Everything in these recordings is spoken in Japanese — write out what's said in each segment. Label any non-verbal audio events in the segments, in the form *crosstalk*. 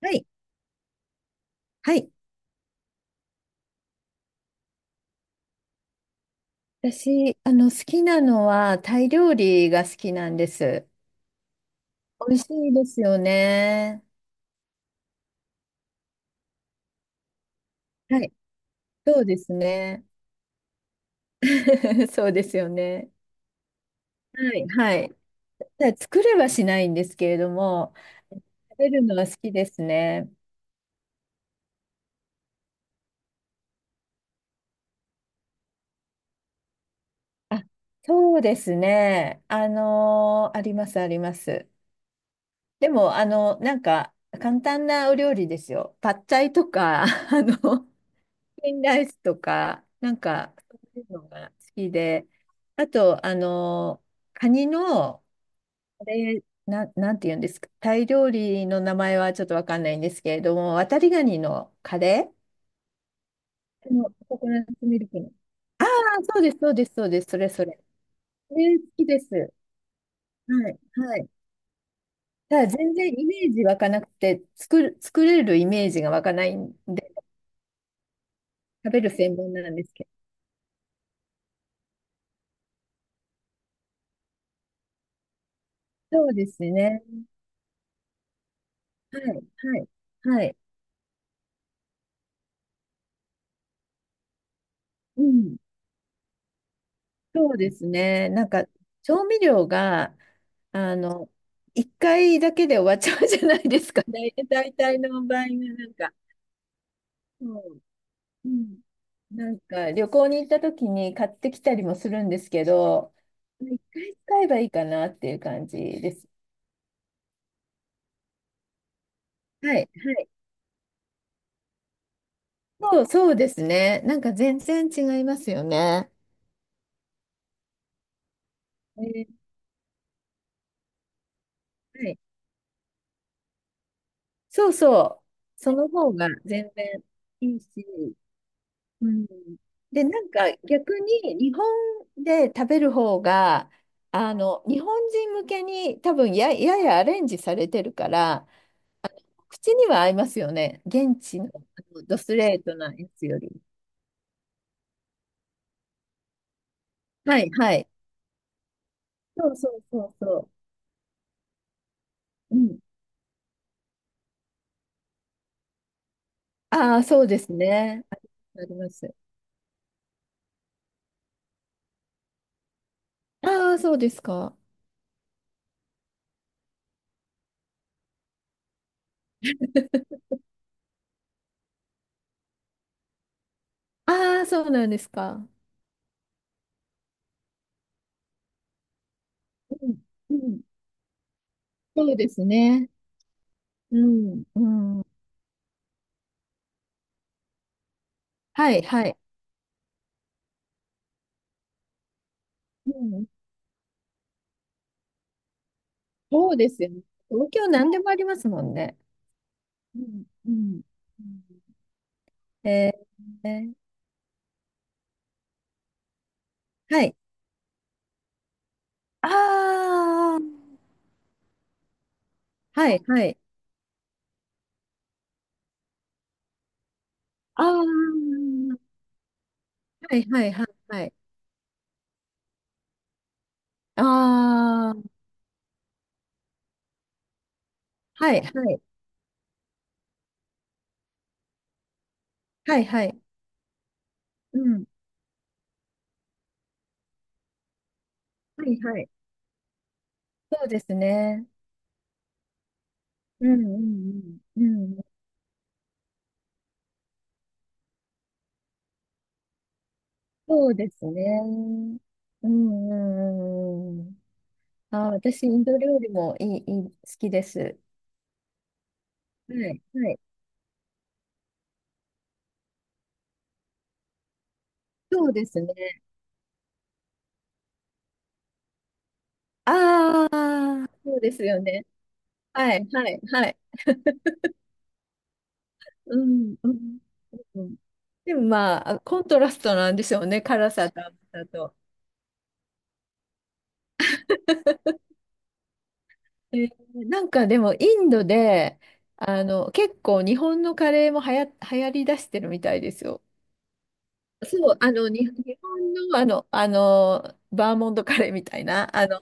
はい。はい。私、好きなのは、タイ料理が好きなんです。美味しいですよね。はい。そうですね。*laughs* そうですよね。はい。はい。ただ作れはしないんですけれども、食べるのは好きですね。あ、そうですね。あります、あります。でも、簡単なお料理ですよ。パッチャイとか、*laughs* チキンライスとか、そういうのが好きで、あと、カニの、あれ、なんて言うんですか、タイ料理の名前はちょっとわかんないんですけれども、渡りガニのカレー、あのココナッツミルクの。ああ、そうです、そうです、そうです、それそれ。えー、好きです。はい、はい。ただ全然イメージ湧かなくて、作れるイメージが湧かないんで、食べる専門なんですけど。そうですね。はい、はい、はい。うん。そうですね。調味料が、あの、一回だけで終わっちゃうじゃないですかね。*laughs* 大体の場合が、なんか、そう、うん、旅行に行った時に買ってきたりもするんですけど、一回使えばいいかなっていう感じです。はい、はい。そう、そうですね。なんか全然違いますよね。えー、はい。そうそう。その方が全然いいし。うん。で、なんか逆に日本で食べる方が、日本人向けに多分ややアレンジされてるから、口には合いますよね。現地の、あのドストレートなやつより。はい、はい。そうそうそうそう。うん。ああ、そうですね。あります。ああ、そうですか。ああ、そうなんですか。うん、うん、そうですね。うん、うん。はい、はい。うん、そうですよね。東京何でもありますもんね。うん、うん。うん、えー、えー、はい、あー、はい、はい、あー、はい、はい、はい、はい。ああ、はい、はい、はい、はい。うん、はい、はい。そうですね。うん、うん、うん、うん。そうですね。うん、うん、うん。あー、私、インド料理もいい、いい、好きです。はい、はい。そうですね。ああ、そうですよね。はい、はい、はい。うん、うん。うん、でもまあ、あコントラストなんでしょうね、辛さと甘さと。えー、なんかでも、インドで、結構日本のカレーもはや、流行りだしてるみたいですよ。そう、日本のバーモントカレーみたいな、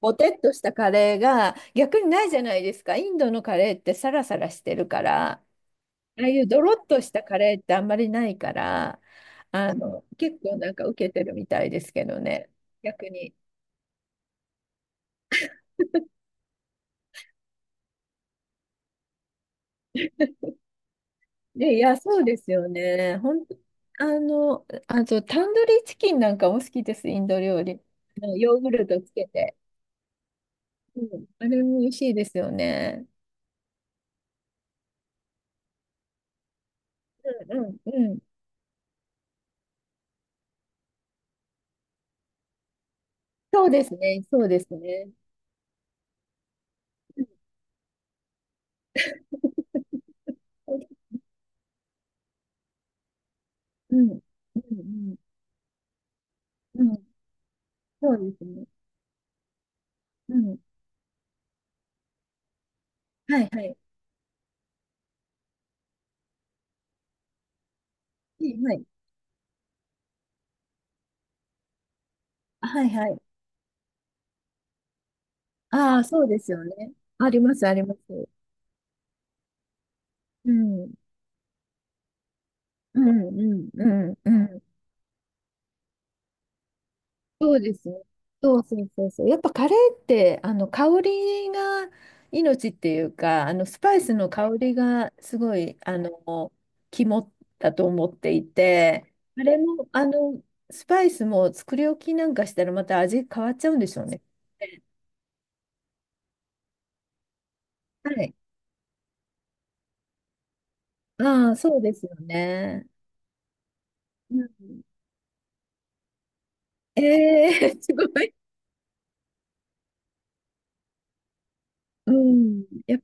ぼてっとしたカレーが逆にないじゃないですか。インドのカレーってサラサラしてるから。ああいうドロッとしたカレーってあんまりないから、結構なんか受けてるみたいですけどね、逆に。で、いや、そうですよね。本当、あと、タンドリーチキンなんかも好きです、インド料理。あのヨーグルトつけて。うん、あれも美味しいですよね。うんうんうん。そうですね、そうですね。うん、うん、うん、うん、うん、そうですね。うん、はいはい。はいはい。あ、はいはい。ああ、そうですよね。あります、あります。うん、うん、うん、うん、うん。そうですね。そうそうそうそう。やっぱカレーって、香りが命っていうか、スパイスの香りがすごい、肝だと思っていて、あれも、スパイスも作り置きなんかしたらまた味変わっちゃうんでしょうね。はい。ああ、そうですよね。うん、ええ、 *laughs* すごい。うん、やっ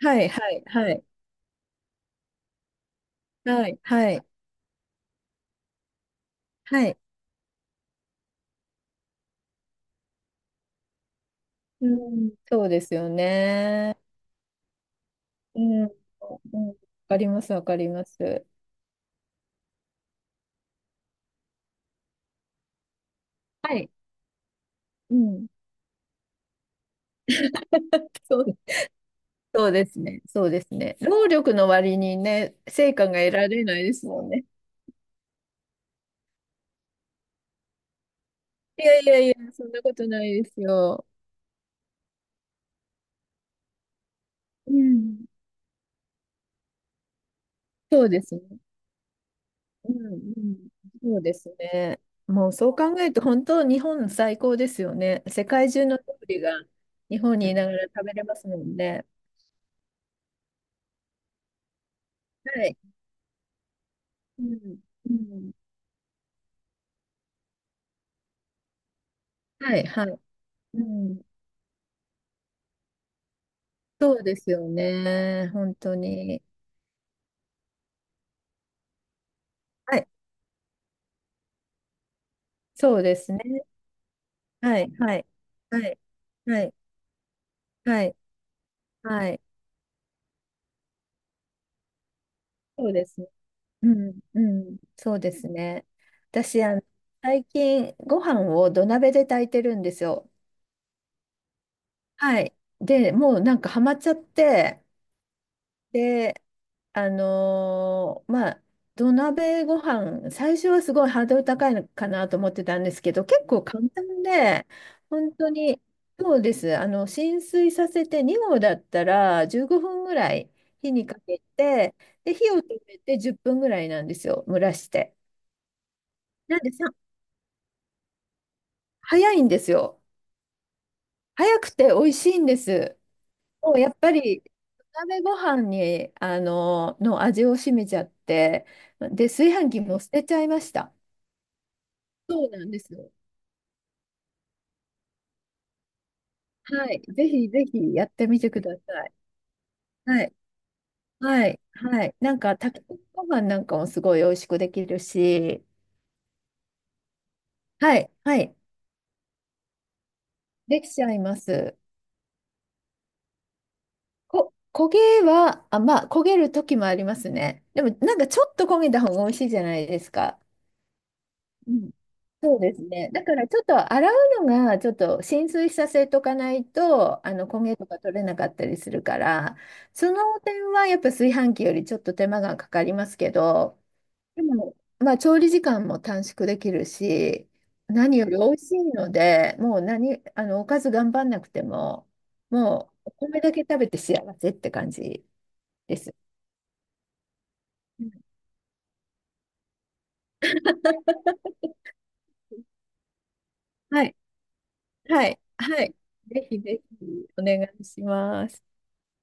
はい、はい、はい、はい、はい、はい。うん、そうですよね。うん、うん、わかります、わかります。はい。うん、そう、そうですね、そうですね。労力の割にね、成果が得られないですもんね。いやいやいや、そんなことないですよ。うん、そうですね。うん、うん、そうですね。もうそう考えると、本当、日本最高ですよね。世界中の料理が日本にいながら食べれますもんね。はい、うん、うん、はい、はい。うん、そうですよね。本当に。はい、そうですね。はい、はい、はい、はい、はい、はい。そうですね。うん、うん、そうですね。私、最近、ご飯を土鍋で炊いてるんですよ。はい。で、もうなんかハマっちゃって、で、あのーまあ、土鍋ご飯、最初はすごいハードル高いのかなと思ってたんですけど、結構簡単で、本当に、そうです。あの、浸水させて2合だったら15分ぐらい火にかけて、で、火を止めて10分ぐらいなんですよ、蒸らして。なんでさ、早いんですよ。早くて美味しいんです。もうやっぱり鍋ご飯にあのの味を占めちゃって、で炊飯器も捨てちゃいました。そうなんですよ。はい、ぜひぜひやってみてください。はいはいはい、なんか炊き込みご飯なんかもすごい美味しくできるし、はいはい、できちゃいます。焦げはあ、まあ焦げる時もありますね、でもなんかちょっと焦げた方が美味しいじゃないですか。うん、そうですね。だからちょっと洗うのがちょっと浸水させとかないとあの焦げとか取れなかったりするから、その点はやっぱ炊飯器よりちょっと手間がかかりますけど、でもまあ調理時間も短縮できるし、何より美味しいのでもう何、おかず頑張んなくても、もうお米だけ食べて幸せって感じです。うん、はい、はい、はい。ぜひぜひお願いします。